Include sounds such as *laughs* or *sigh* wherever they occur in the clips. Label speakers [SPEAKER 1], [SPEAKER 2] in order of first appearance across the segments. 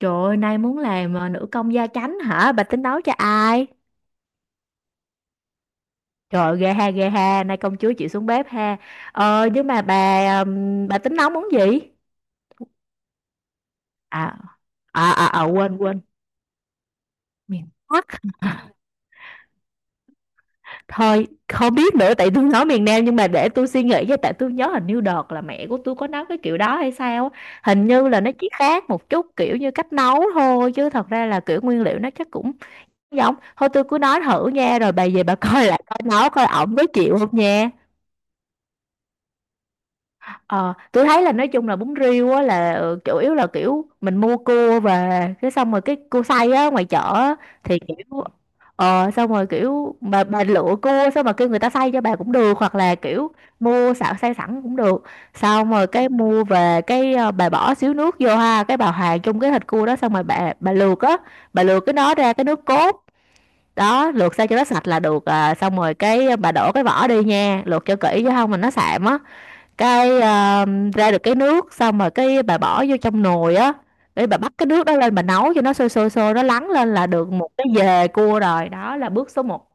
[SPEAKER 1] Trời ơi, nay muốn làm nữ công gia chánh hả? Bà tính nấu cho ai? Trời ơi, ghê ha, ghê ha. Nay công chúa chịu xuống bếp ha. Nhưng mà bà tính nấu món gì? À, à, quên, quên. Miền Bắc. Thôi, không biết nữa, tại tôi nói miền Nam, nhưng mà để tôi suy nghĩ với, tại tôi nhớ hình như đợt là mẹ của tôi có nấu cái kiểu đó hay sao á. Hình như là nó chỉ khác một chút kiểu như cách nấu thôi, chứ thật ra là kiểu nguyên liệu nó chắc cũng giống. Thôi tôi cứ nói thử nha, rồi bà về bà *laughs* coi lại coi nấu coi ổng có chịu không nha. Ờ, tôi thấy là nói chung là bún riêu á là chủ yếu là kiểu mình mua cua về, cái xong rồi cái cua xay á ngoài chợ á, thì kiểu xong rồi kiểu mà bà lựa cua xong mà kêu người ta xay cho bà cũng được, hoặc là kiểu mua xạo xay sẵn cũng được, xong rồi cái mua về cái bà bỏ xíu nước vô ha, cái bà hòa chung cái thịt cua đó, xong rồi bà luộc á, bà luộc cái nó ra cái nước cốt đó, luộc sao cho nó sạch là được à. Xong rồi cái bà đổ cái vỏ đi nha, luộc cho kỹ chứ không mà nó sạm á. Cái ra được cái nước, xong rồi cái bà bỏ vô trong nồi á, để bà bắt cái nước đó lên, bà nấu cho nó sôi sôi sôi, nó lắng lên là được một cái dề cua rồi, đó là bước số một.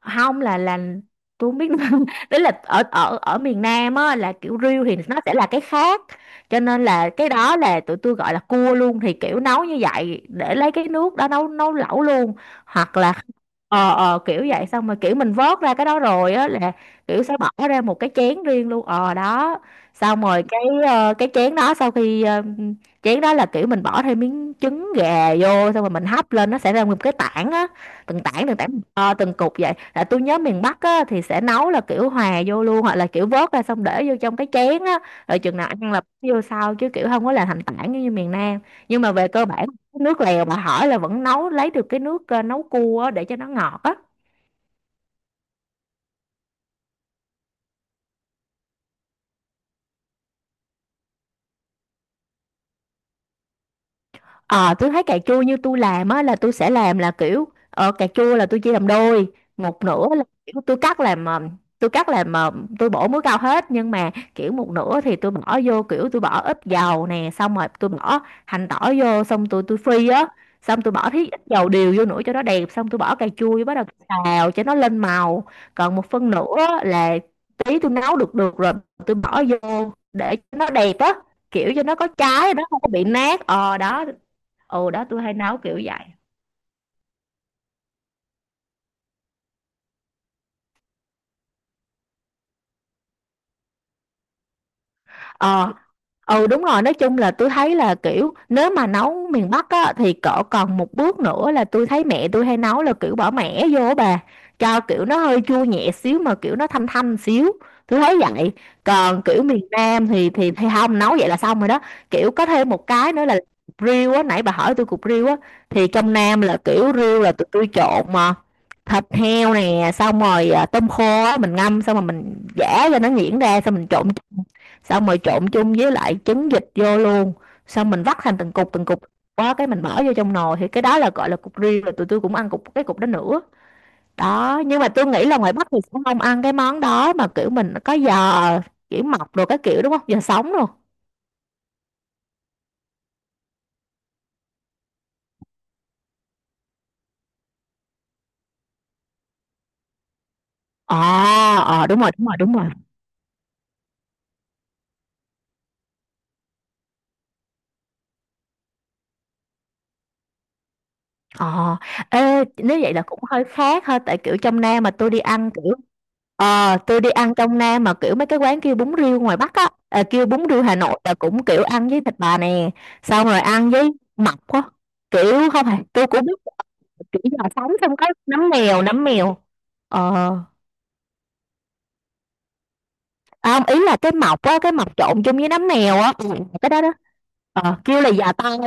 [SPEAKER 1] Không, là tôi không biết nữa. *laughs* Đấy là ở ở ở miền Nam á là kiểu riêu thì nó sẽ là cái khác, cho nên là cái đó là tụi tôi gọi là cua luôn, thì kiểu nấu như vậy để lấy cái nước đó nấu nấu lẩu luôn, hoặc là ờ kiểu vậy. Xong rồi kiểu mình vớt ra cái đó rồi á, là kiểu sẽ bỏ ra một cái chén riêng luôn, ờ đó. Xong rồi cái cái chén đó sau khi chén đó là kiểu mình bỏ thêm miếng trứng gà vô, xong rồi mình hấp lên nó sẽ ra một cái tảng á, từng tảng từng tảng, từng cục vậy. Là tôi nhớ miền Bắc á thì sẽ nấu là kiểu hòa vô luôn, hoặc là kiểu vớt ra xong để vô trong cái chén á, rồi chừng nào ăn là bỏ vô sau, chứ kiểu không có làm thành tảng như miền Nam. Nhưng mà về cơ bản nước lèo mà hỏi là vẫn nấu lấy được cái nước nấu cua á, để cho nó ngọt á. Ờ, tôi thấy cà chua như tôi làm á là tôi sẽ làm là kiểu cà chua là tôi chia làm đôi. Một nửa là kiểu tôi cắt làm tôi cắt làm ờ, tôi bổ muối cao hết, nhưng mà kiểu một nửa thì tôi bỏ vô, kiểu tôi bỏ ít dầu nè, xong rồi tôi bỏ hành tỏi vô, xong tôi phi á, xong tôi bỏ tí ít dầu điều vô nữa cho nó đẹp, xong tôi bỏ cà chua vô bắt đầu xào cho nó lên màu. Còn một phần nữa là tí tôi nấu được được rồi tôi bỏ vô để cho nó đẹp á, kiểu cho nó có trái, nó không có bị nát, ờ đó. Ừ đó, tôi hay nấu kiểu vậy. ờ Đúng rồi, nói chung là tôi thấy là kiểu nếu mà nấu miền Bắc á thì cỡ còn một bước nữa, là tôi thấy mẹ tôi hay nấu là kiểu bỏ mẻ vô á bà, cho kiểu nó hơi chua nhẹ xíu mà kiểu nó thanh thanh xíu, tôi thấy vậy. Còn kiểu miền Nam thì thì không nấu vậy, là xong rồi đó. Kiểu có thêm một cái nữa là riêu á, nãy bà hỏi tôi cục riêu á, thì trong Nam là kiểu riêu là tụi tôi trộn mà, thịt heo nè, xong rồi tôm khô á, mình ngâm xong rồi mình giã cho nó nhuyễn ra, xong mình trộn chung, xong rồi trộn chung với lại trứng vịt vô luôn, xong mình vắt thành từng cục từng cục, quá cái mình bỏ vô trong nồi, thì cái đó là gọi là cục riêu rồi, tụi tôi cũng ăn cục, cái cục đó nữa đó. Nhưng mà tôi nghĩ là ngoài Bắc thì sẽ không ăn cái món đó, mà kiểu mình có giò, kiểu mọc rồi, cái kiểu đúng không, giò sống luôn. Đúng rồi đúng rồi đúng rồi. Ờ, ê, nếu vậy là cũng hơi khác ha, tại kiểu trong Nam mà tôi đi ăn kiểu tôi đi ăn trong Nam mà kiểu mấy cái quán kêu bún riêu ngoài Bắc á, kêu bún riêu Hà Nội, là cũng kiểu ăn với thịt bà nè, xong rồi ăn với mọc á, kiểu không phải, tôi cũng biết là kiểu là sống, xong có nấm mèo, ờ, không, ý là cái mọc á, cái mọc trộn chung với nấm mèo á, ừ, cái đó đó, ờ, kêu là giò tai,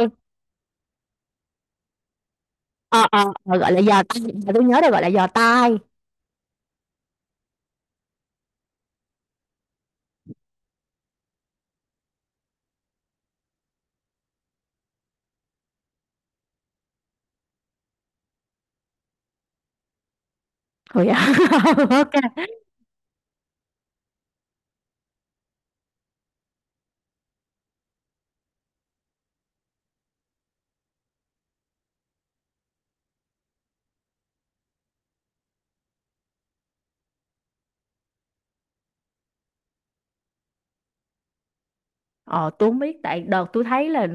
[SPEAKER 1] ờ ờ ờ, gọi là giò tai, tôi nhớ là gọi là giò tai. Rồi *laughs* ok. Ờ, tôi không biết, tại đợt tôi thấy là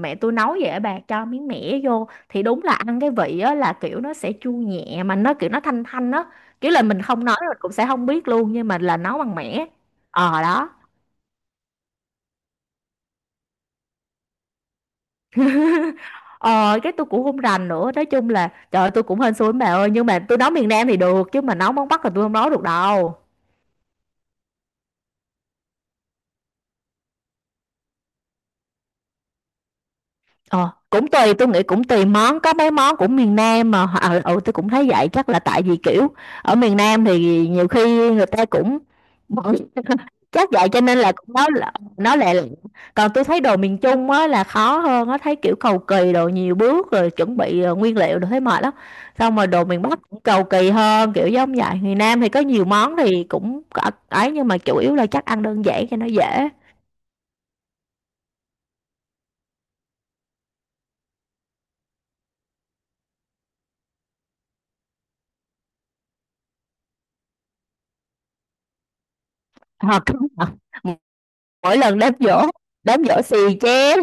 [SPEAKER 1] mẹ tôi nấu vậy, bà cho miếng mẻ vô thì đúng là ăn cái vị á là kiểu nó sẽ chua nhẹ mà nó kiểu nó thanh thanh á, kiểu là mình không nói mình cũng sẽ không biết luôn, nhưng mà là nấu bằng mẻ, ờ đó. Ờ cái tôi cũng không rành nữa, nói chung là trời ơi, tôi cũng hên xui lắm bà ơi, nhưng mà tôi nấu miền Nam thì được, chứ mà nấu món Bắc là tôi không nấu được đâu. Ờ, cũng tùy, tôi nghĩ cũng tùy món, có mấy món cũng miền Nam mà tôi cũng thấy vậy, chắc là tại vì kiểu ở miền Nam thì nhiều khi người ta cũng *laughs* chắc vậy cho nên là nó lẹ lặn. Còn tôi thấy đồ miền Trung á là khó hơn, nó thấy kiểu cầu kỳ, đồ nhiều bước rồi chuẩn bị nguyên liệu, rồi thấy mệt lắm. Xong rồi đồ miền Bắc cũng cầu kỳ hơn, kiểu giống vậy. Miền Nam thì có nhiều món thì cũng có ấy, nhưng mà chủ yếu là chắc ăn đơn giản cho nó dễ. Ờ, *laughs* đúng rồi. Mỗi lần đám giỗ, đám giỗ xì chén,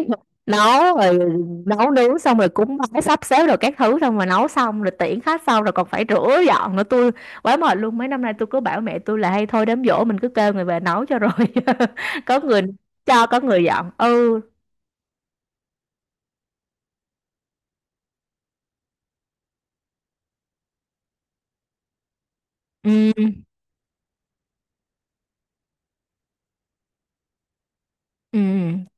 [SPEAKER 1] nấu rồi, nấu nướng xong rồi cúng bái sắp xếp rồi các thứ, xong rồi nấu xong rồi tiễn khách, xong rồi còn phải rửa dọn nữa, tôi quá mệt luôn. Mấy năm nay tôi cứ bảo mẹ tôi là hay thôi đám giỗ mình cứ kêu người về nấu cho rồi, *laughs* có người cho, có người dọn. Ừ ừ ừ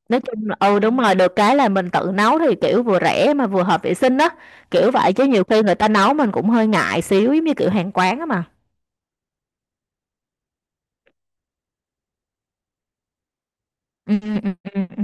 [SPEAKER 1] nói chung là ừ đúng rồi, được cái là mình tự nấu thì kiểu vừa rẻ mà vừa hợp vệ sinh đó, kiểu vậy. Chứ nhiều khi người ta nấu mình cũng hơi ngại xíu, giống như kiểu hàng quán á mà. Ừ.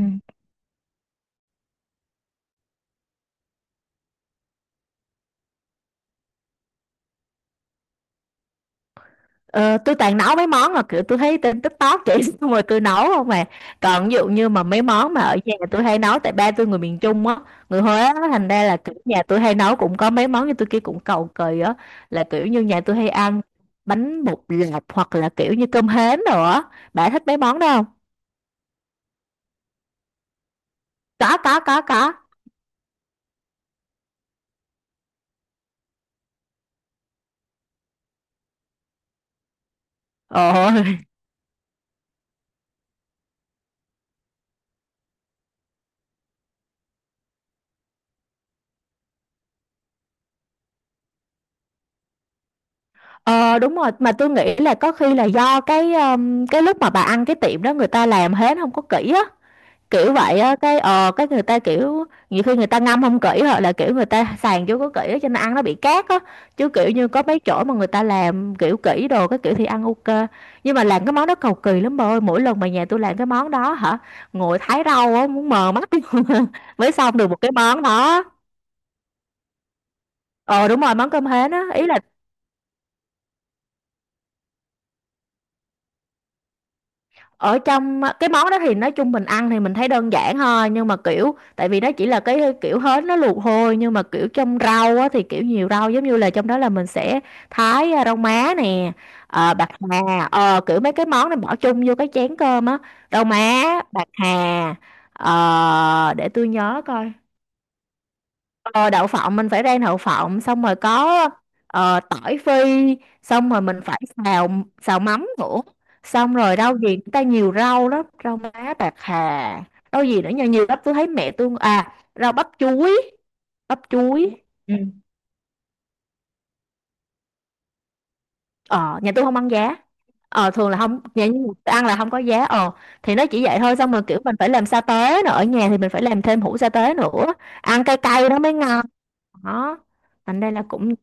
[SPEAKER 1] Ờ, tôi toàn nấu mấy món mà kiểu tôi thấy trên TikTok chị, *laughs* xong rồi tôi nấu không mà. Còn ví dụ như mà mấy món mà ở nhà tôi hay nấu, tại ba tôi người miền Trung á, người Huế á, thành ra là kiểu nhà tôi hay nấu cũng có mấy món như tôi kia, cũng cầu kỳ á, là kiểu như nhà tôi hay ăn bánh bột lọc, hoặc là kiểu như cơm hến rồi á. Bà thích mấy món đó không? Có có có. Ồ, *laughs* ờ đúng rồi, mà tôi nghĩ là có khi là do cái lúc mà bà ăn cái tiệm đó người ta làm hến không có kỹ á, kiểu vậy á. Cái cái người ta kiểu nhiều khi người ta ngâm không kỹ, hoặc là kiểu người ta sàn chưa có kỹ á, cho nên ăn nó bị cát á. Chứ kiểu như có mấy chỗ mà người ta làm kiểu kỹ đồ cái kiểu, thì ăn ok. Nhưng mà làm cái món đó cầu kỳ lắm bà ơi, mỗi lần mà nhà tôi làm cái món đó hả, ngồi thái rau á muốn mờ mắt *laughs* mới xong được một cái món đó. Ờ đúng rồi, món cơm hến á, ý là ở trong cái món đó thì nói chung mình ăn thì mình thấy đơn giản thôi, nhưng mà kiểu tại vì nó chỉ là cái kiểu hến nó luộc thôi, nhưng mà kiểu trong rau á, thì kiểu nhiều rau, giống như là trong đó là mình sẽ thái rau má nè, ờ, bạc hà, ờ, kiểu mấy cái món này bỏ chung vô cái chén cơm á. Rau má, bạc hà, ờ, để tôi nhớ coi. Ờ, đậu phộng mình phải rang đậu phộng, xong rồi có ờ, tỏi phi, xong rồi mình phải xào, xào mắm nữa. Xong rồi rau gì người ta nhiều rau lắm, rau má, bạc hà, rau gì nữa nhiều nhiều lắm, tôi thấy mẹ tôi rau bắp chuối, bắp chuối. Ừ. Ờ nhà tôi không ăn giá, ờ thường là không, nhà tôi ăn là không có giá, ờ. Thì nó chỉ vậy thôi, xong rồi kiểu mình phải làm sa tế nữa, ở nhà thì mình phải làm thêm hũ sa tế nữa, ăn cay cay nó mới ngon, đó. Thành đây là cũng,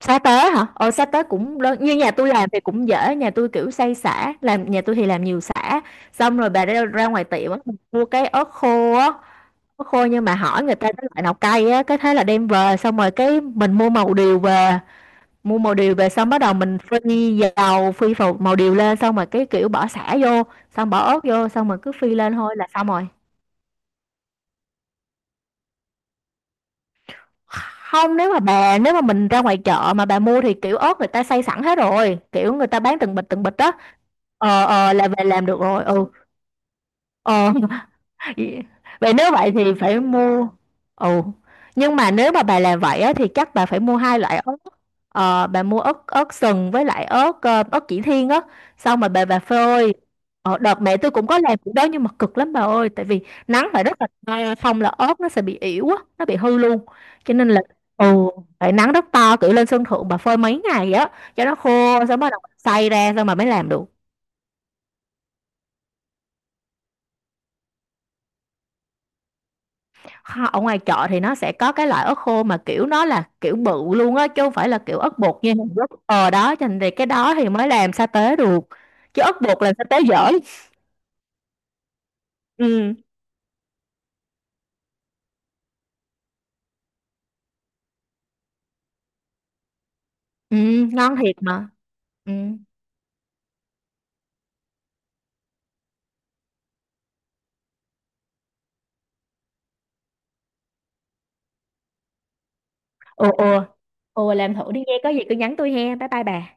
[SPEAKER 1] sa tế hả? Ờ sa tế cũng đơn. Như nhà tôi làm thì cũng dễ, nhà tôi kiểu xay sả, làm nhà tôi thì làm nhiều sả. Xong rồi bà ra, ra ngoài tiệm á, mua cái ớt khô á, ớt khô nhưng mà hỏi người ta cái loại nào cay á, cái thế là đem về, xong rồi cái mình mua màu điều về, mua màu điều về xong bắt đầu mình phi dầu, màu điều lên, xong rồi cái kiểu bỏ sả vô, xong bỏ ớt vô, xong rồi cứ phi lên thôi là xong rồi. Không, nếu mà mình ra ngoài chợ mà bà mua thì kiểu ớt người ta xay sẵn hết rồi, kiểu người ta bán từng bịch đó, là về làm được rồi ừ. Ờ *laughs* vậy nếu vậy thì phải mua. Ồ, nhưng mà nếu mà bà làm vậy á, thì chắc bà phải mua hai loại ớt, ờ, bà mua ớt, ớt sừng với lại ớt ớt chỉ thiên á, xong mà bà phơi. Ờ, đợt mẹ tôi cũng có làm cái đó nhưng mà cực lắm bà ơi, tại vì nắng phải rất là to, không là ớt nó sẽ bị ỉu á, nó bị hư luôn, cho nên là ồ phải nắng rất to, cử lên sân thượng bà phơi mấy ngày á cho nó khô, xong bắt đầu xay ra xong mà mới làm được. Ở ngoài chợ thì nó sẽ có cái loại ớt khô mà kiểu nó là kiểu bự luôn á, chứ không phải là kiểu ớt bột như Hàn Quốc, ờ đó, cho nên thì cái đó thì mới làm sa tế được, chứ ớt bột làm sa tế dở. Ừ, ừ, ngon thiệt mà. Ừ. Ồ ồ, ồ làm thử đi nghe, có gì cứ nhắn tôi he, bye bye bà.